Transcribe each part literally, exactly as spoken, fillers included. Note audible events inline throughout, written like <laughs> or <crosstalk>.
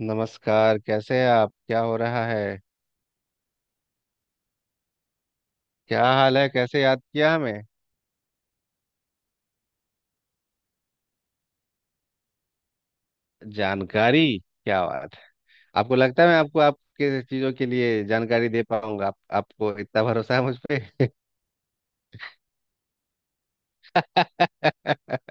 नमस्कार, कैसे हैं आप? क्या हो रहा है? क्या हाल है? कैसे याद किया हमें? जानकारी? क्या बात है। आपको लगता है मैं आपको आपके चीजों के लिए जानकारी दे पाऊंगा? आप, आपको इतना भरोसा है मुझ पे? <laughs>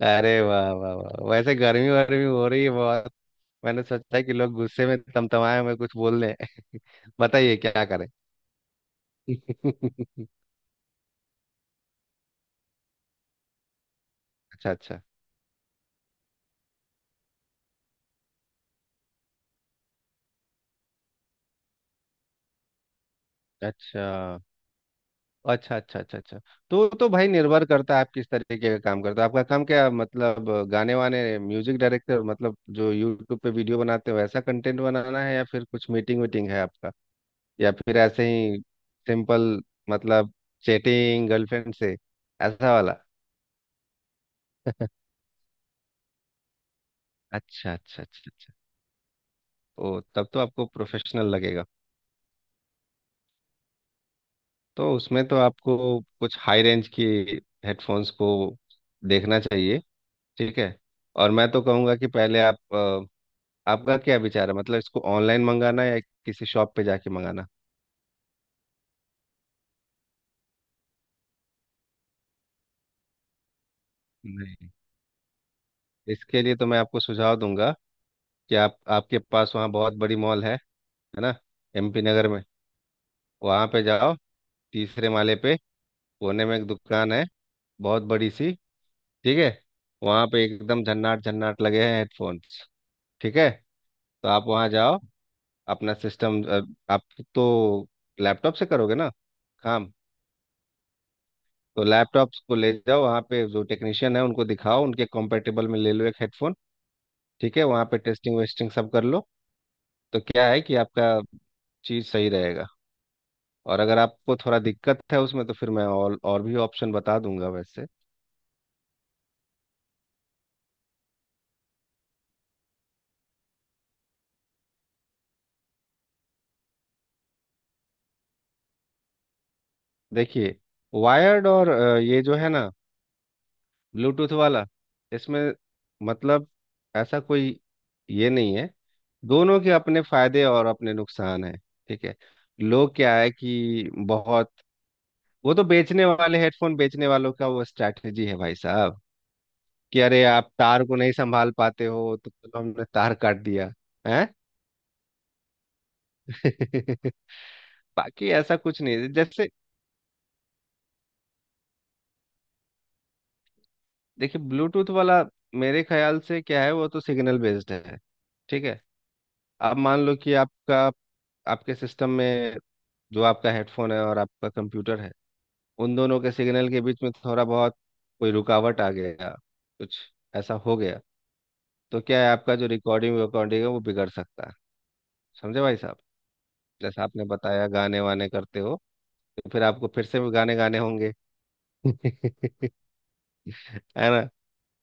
अरे वाह वाह वाह। वैसे गर्मी वर्मी हो रही है बहुत? मैंने सोचा कि लोग गुस्से में तमतमाए हुए कुछ बोल रहे हैं। <laughs> बताइए क्या करें। <laughs> अच्छा अच्छा अच्छा अच्छा। अच्छा अच्छा अच्छा। तो तो भाई, निर्भर करता है आप किस तरीके का काम करते हो। आपका काम क्या? मतलब गाने वाने, म्यूजिक डायरेक्टर, मतलब जो यूट्यूब पे वीडियो बनाते हो वैसा कंटेंट बनाना है, या फिर कुछ मीटिंग वीटिंग है आपका? या फिर ऐसे ही सिंपल, मतलब चैटिंग, गर्लफ्रेंड से, ऐसा वाला? अच्छा अच्छा अच्छा अच्छा। ओ, तब तो आपको प्रोफेशनल लगेगा। तो उसमें तो आपको कुछ हाई रेंज की हेडफोन्स को देखना चाहिए। ठीक है। और मैं तो कहूँगा कि पहले आप, आपका क्या विचार है, मतलब इसको ऑनलाइन मंगाना या किसी शॉप पे जाके मंगाना? नहीं, इसके लिए तो मैं आपको सुझाव दूंगा कि आप, आपके पास वहाँ बहुत बड़ी मॉल है है ना, एमपी नगर में। वहाँ पे जाओ, तीसरे माले पे कोने में एक दुकान है बहुत बड़ी सी। ठीक है। वहाँ पे एकदम झन्नाट झन्नाट लगे हैं हेडफोन्स। ठीक है। तो आप वहाँ जाओ। अपना सिस्टम आप तो लैपटॉप से करोगे ना काम? तो लैपटॉप को ले जाओ वहाँ पे, जो टेक्नीशियन है उनको दिखाओ, उनके कॉम्पेटेबल में ले लो एक हेडफोन। ठीक है, वहाँ पे टेस्टिंग वेस्टिंग सब कर लो। तो क्या है कि आपका चीज़ सही रहेगा। और अगर आपको थोड़ा दिक्कत है उसमें तो फिर मैं और और भी ऑप्शन बता दूंगा वैसे। देखिए, वायर्ड और अ, ये जो है ना, ब्लूटूथ वाला, इसमें मतलब ऐसा कोई ये नहीं है। दोनों के अपने फायदे और अपने नुकसान हैं। ठीक है। लोग क्या है कि बहुत, वो तो बेचने वाले, हेडफोन बेचने वालों का वो स्ट्रैटेजी है भाई साहब, कि अरे आप तार को नहीं संभाल पाते हो तो चलो हमने तार काट दिया है। <laughs> बाकी ऐसा कुछ नहीं है। जैसे, देखिए, ब्लूटूथ वाला मेरे ख्याल से क्या है, वो तो सिग्नल बेस्ड है। ठीक है। अब मान लो कि आपका, आपके सिस्टम में जो आपका हेडफोन है और आपका कंप्यूटर है, उन दोनों के सिग्नल के बीच में थोड़ा बहुत कोई रुकावट आ गया, कुछ ऐसा हो गया, तो क्या है, आपका जो रिकॉर्डिंग रिकॉर्डिंग है वो बिगड़ सकता है। समझे भाई साहब? जैसा आपने बताया गाने वाने करते हो, तो फिर आपको फिर से गाने गाने होंगे। <laughs> है ना?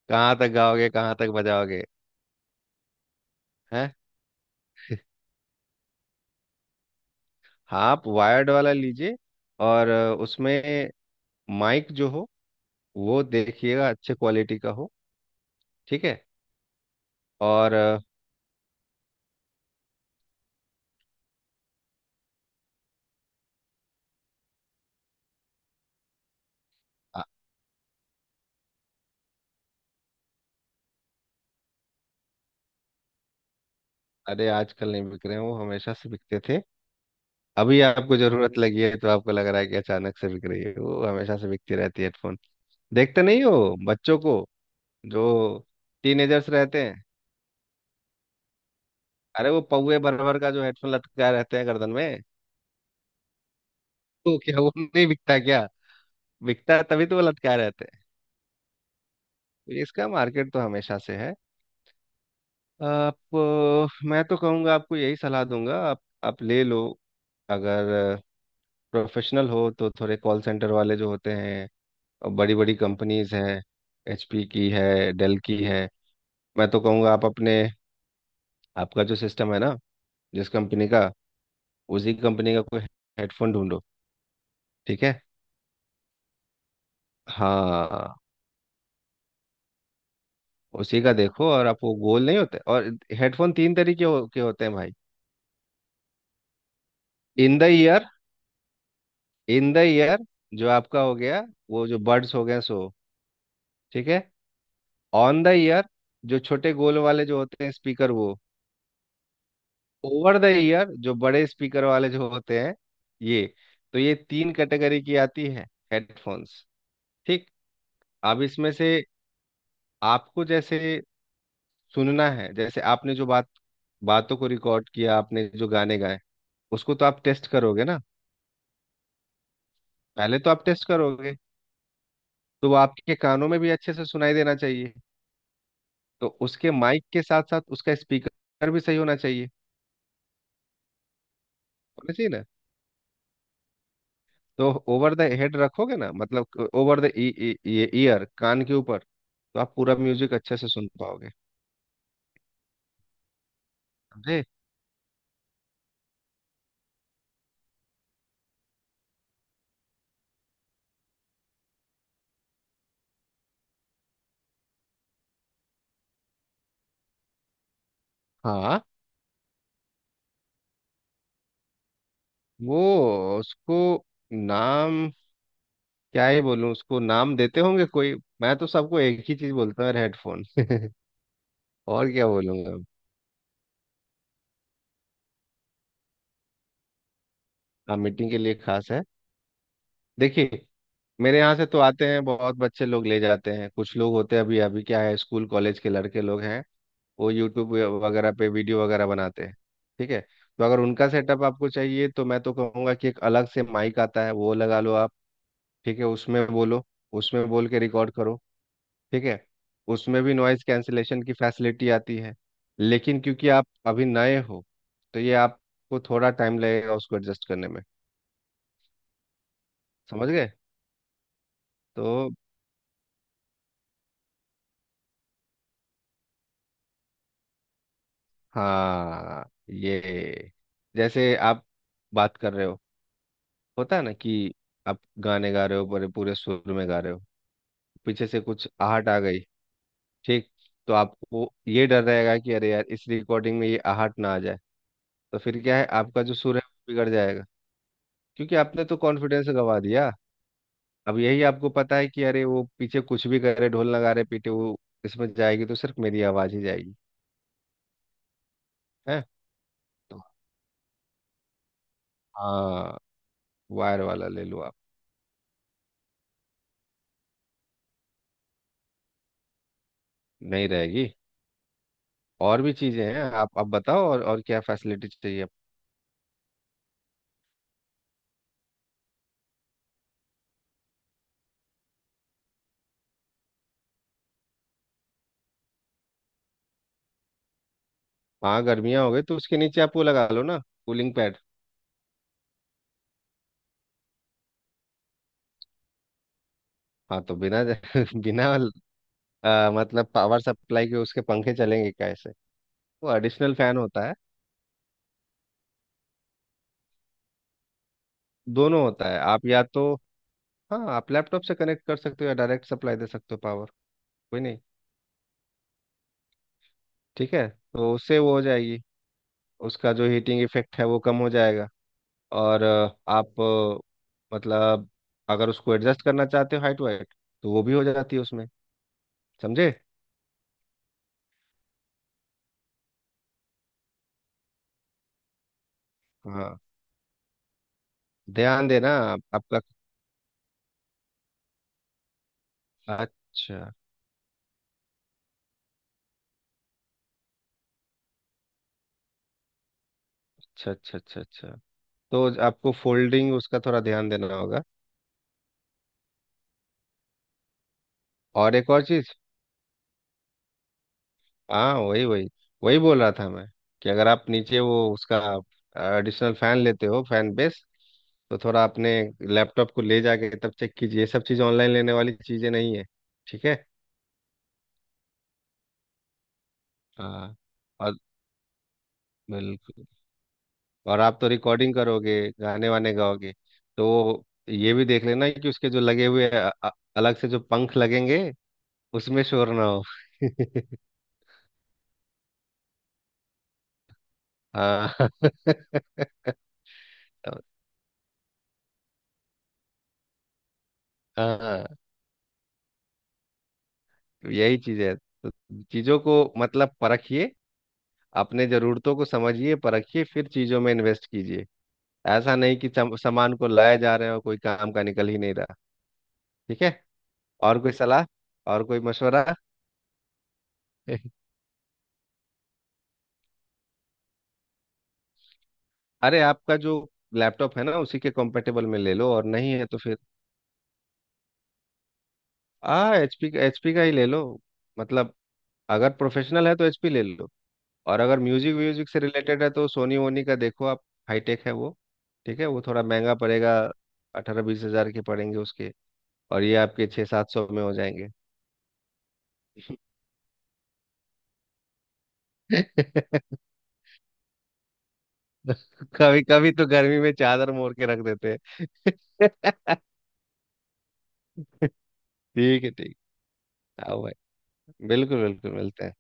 कहाँ तक गाओगे, कहाँ तक बजाओगे? हैं? हाँ, आप वायर्ड वाला लीजिए। और अ, उसमें माइक जो हो वो देखिएगा अच्छे क्वालिटी का हो। ठीक है। और अ, अ- अरे आजकल नहीं बिक रहे हैं, वो हमेशा से बिकते थे। अभी आपको जरूरत लगी है तो आपको लग रहा है कि अचानक से बिक रही है, वो हमेशा से बिकती रहती है हेडफोन। देखते नहीं हो बच्चों को, जो टीनेजर्स रहते हैं? अरे वो पौए भर भर का जो हेडफोन लटकाए रहते हैं गर्दन में। तो क्या वो नहीं बिकता क्या? बिकता है तभी तो वो लटका रहते हैं। तो इसका मार्केट तो हमेशा से है। आप अ, मैं तो कहूँगा आपको यही सलाह दूंगा, आप आप ले लो। अगर प्रोफेशनल हो तो थोड़े कॉल सेंटर वाले जो होते हैं और बड़ी बड़ी कंपनीज हैं, एचपी की है, डेल की है। मैं तो कहूँगा आप अपने, आपका जो सिस्टम है ना, जिस कंपनी का, उसी कंपनी का कोई हेडफोन ढूंढो। ठीक है। हाँ, उसी का देखो। और आप, वो गोल नहीं होते। और हेडफोन तीन तरीके हो, के होते हैं भाई। In the ear, in the ear जो आपका हो गया, वो जो बर्ड्स हो गए सो। ठीक है। ऑन द ईयर, जो छोटे गोल वाले जो होते हैं स्पीकर वो। ओवर द ईयर, जो बड़े स्पीकर वाले जो होते हैं ये। तो ये तीन कैटेगरी की आती है हेडफोन्स। ठीक। अब इसमें से आपको जैसे सुनना है, जैसे आपने जो बात बातों को रिकॉर्ड किया, आपने जो गाने गाए, उसको तो आप टेस्ट करोगे ना? पहले तो आप टेस्ट करोगे, तो वो आपके कानों में भी अच्छे से सुनाई देना चाहिए। तो उसके माइक के साथ साथ उसका स्पीकर भी सही होना चाहिए। होना चाहिए ना। तो ओवर द हेड रखोगे ना, मतलब ओवर द ईयर, कान के ऊपर, तो आप पूरा म्यूजिक अच्छे से सुन पाओगे। समझे? हाँ, वो उसको नाम, क्या ही बोलूं उसको, नाम देते होंगे कोई, मैं तो सबको एक ही चीज बोलता हूँ, हेडफोन। <laughs> और क्या बोलूंगा? हाँ, मीटिंग के लिए खास है। देखिए, मेरे यहाँ से तो आते हैं बहुत बच्चे लोग, ले जाते हैं। कुछ लोग होते हैं, अभी अभी क्या है, स्कूल कॉलेज के लड़के लोग हैं, वो यूट्यूब वगैरह पे वीडियो वगैरह बनाते हैं। ठीक है। तो अगर उनका सेटअप आपको चाहिए तो मैं तो कहूँगा कि एक अलग से माइक आता है, वो लगा लो आप। ठीक है, उसमें बोलो, उसमें बोल के रिकॉर्ड करो। ठीक है। उसमें भी नॉइज़ कैंसिलेशन की फैसिलिटी आती है, लेकिन क्योंकि आप अभी नए हो तो ये आपको थोड़ा टाइम लगेगा उसको एडजस्ट करने में। समझ गए? तो हाँ, ये जैसे आप बात कर रहे हो, होता है ना कि आप गाने गा रहे हो, पूरे पूरे सुर में गा रहे हो, पीछे से कुछ आहट आ गई, ठीक, तो आपको ये डर रहेगा कि अरे यार, इस रिकॉर्डिंग में ये आहट ना आ जाए, तो फिर क्या है, आपका जो सुर है वो बिगड़ जाएगा। क्योंकि आपने तो कॉन्फिडेंस गंवा दिया। अब यही आपको पता है कि अरे वो पीछे कुछ भी करे, ढोल नगाड़े पीटे, वो इसमें जाएगी तो सिर्फ मेरी आवाज ही जाएगी। है तो। हाँ, वायर वाला ले लो आप। नहीं रहेगी। और भी चीजें हैं, आप आप बताओ, और और क्या फैसिलिटी चाहिए? हाँ, गर्मियाँ हो गई तो उसके नीचे आप वो लगा लो ना, कूलिंग पैड। हाँ, तो बिना <laughs> बिना आ, मतलब पावर सप्लाई के, उसके पंखे चलेंगे कैसे? वो एडिशनल फैन होता है। दोनों होता है आप, या तो, हाँ, आप लैपटॉप से कनेक्ट कर सकते हो या डायरेक्ट सप्लाई दे सकते हो पावर। कोई नहीं। ठीक है। तो उससे वो हो जाएगी, उसका जो हीटिंग इफेक्ट है वो कम हो जाएगा। और अ, आप अ, मतलब अगर उसको एडजस्ट करना चाहते हो हाइट वाइट, तो वो भी हो जाती है उसमें। समझे? हाँ, ध्यान देना आप- आपका, अच्छा अच्छा अच्छा अच्छा अच्छा, तो आपको फोल्डिंग उसका थोड़ा ध्यान देना होगा। और एक और चीज, हाँ, वही वही वही बोल रहा था मैं, कि अगर आप नीचे वो उसका एडिशनल फैन लेते हो, फैन बेस, तो थोड़ा अपने लैपटॉप को ले जाके तब चेक कीजिए, ये सब चीज़ ऑनलाइन लेने वाली चीज़ें नहीं है। ठीक है। हाँ, और बिल्कुल, और आप तो रिकॉर्डिंग करोगे, गाने वाने गाओगे, तो ये भी देख लेना कि उसके जो लगे हुए अ- अ- अलग से जो पंख लगेंगे उसमें शोर ना हो। <laughs> हाँ <laughs> हाँ। तो यही चीज है, तो चीजों को मतलब परखिए, अपने जरूरतों को समझिए, परखिए, फिर चीजों में इन्वेस्ट कीजिए। ऐसा नहीं कि सम- सामान को लाए जा रहे हो कोई काम का निकल ही नहीं रहा। ठीक है। और कोई सलाह, और कोई मशवरा? <laughs> अरे, आपका जो लैपटॉप है ना, उसी के कंपेटेबल में ले लो, और नहीं है तो फिर, आ, एचपी का, एचपी का ही ले लो। मतलब अगर प्रोफेशनल है तो एचपी ले लो, और अगर म्यूजिक व्यूजिक से रिलेटेड है तो सोनी वोनी का देखो आप। हाईटेक है वो। ठीक है, वो थोड़ा महंगा पड़ेगा। अठारह बीस हजार के पड़ेंगे उसके, और ये आपके छः सात सौ में हो जाएंगे। <laughs> कभी कभी तो गर्मी में चादर मोड़ के रख देते हैं। <laughs> ठीक है। ठीक। आओ भाई, बिल्कुल बिल्कुल, मिलते हैं।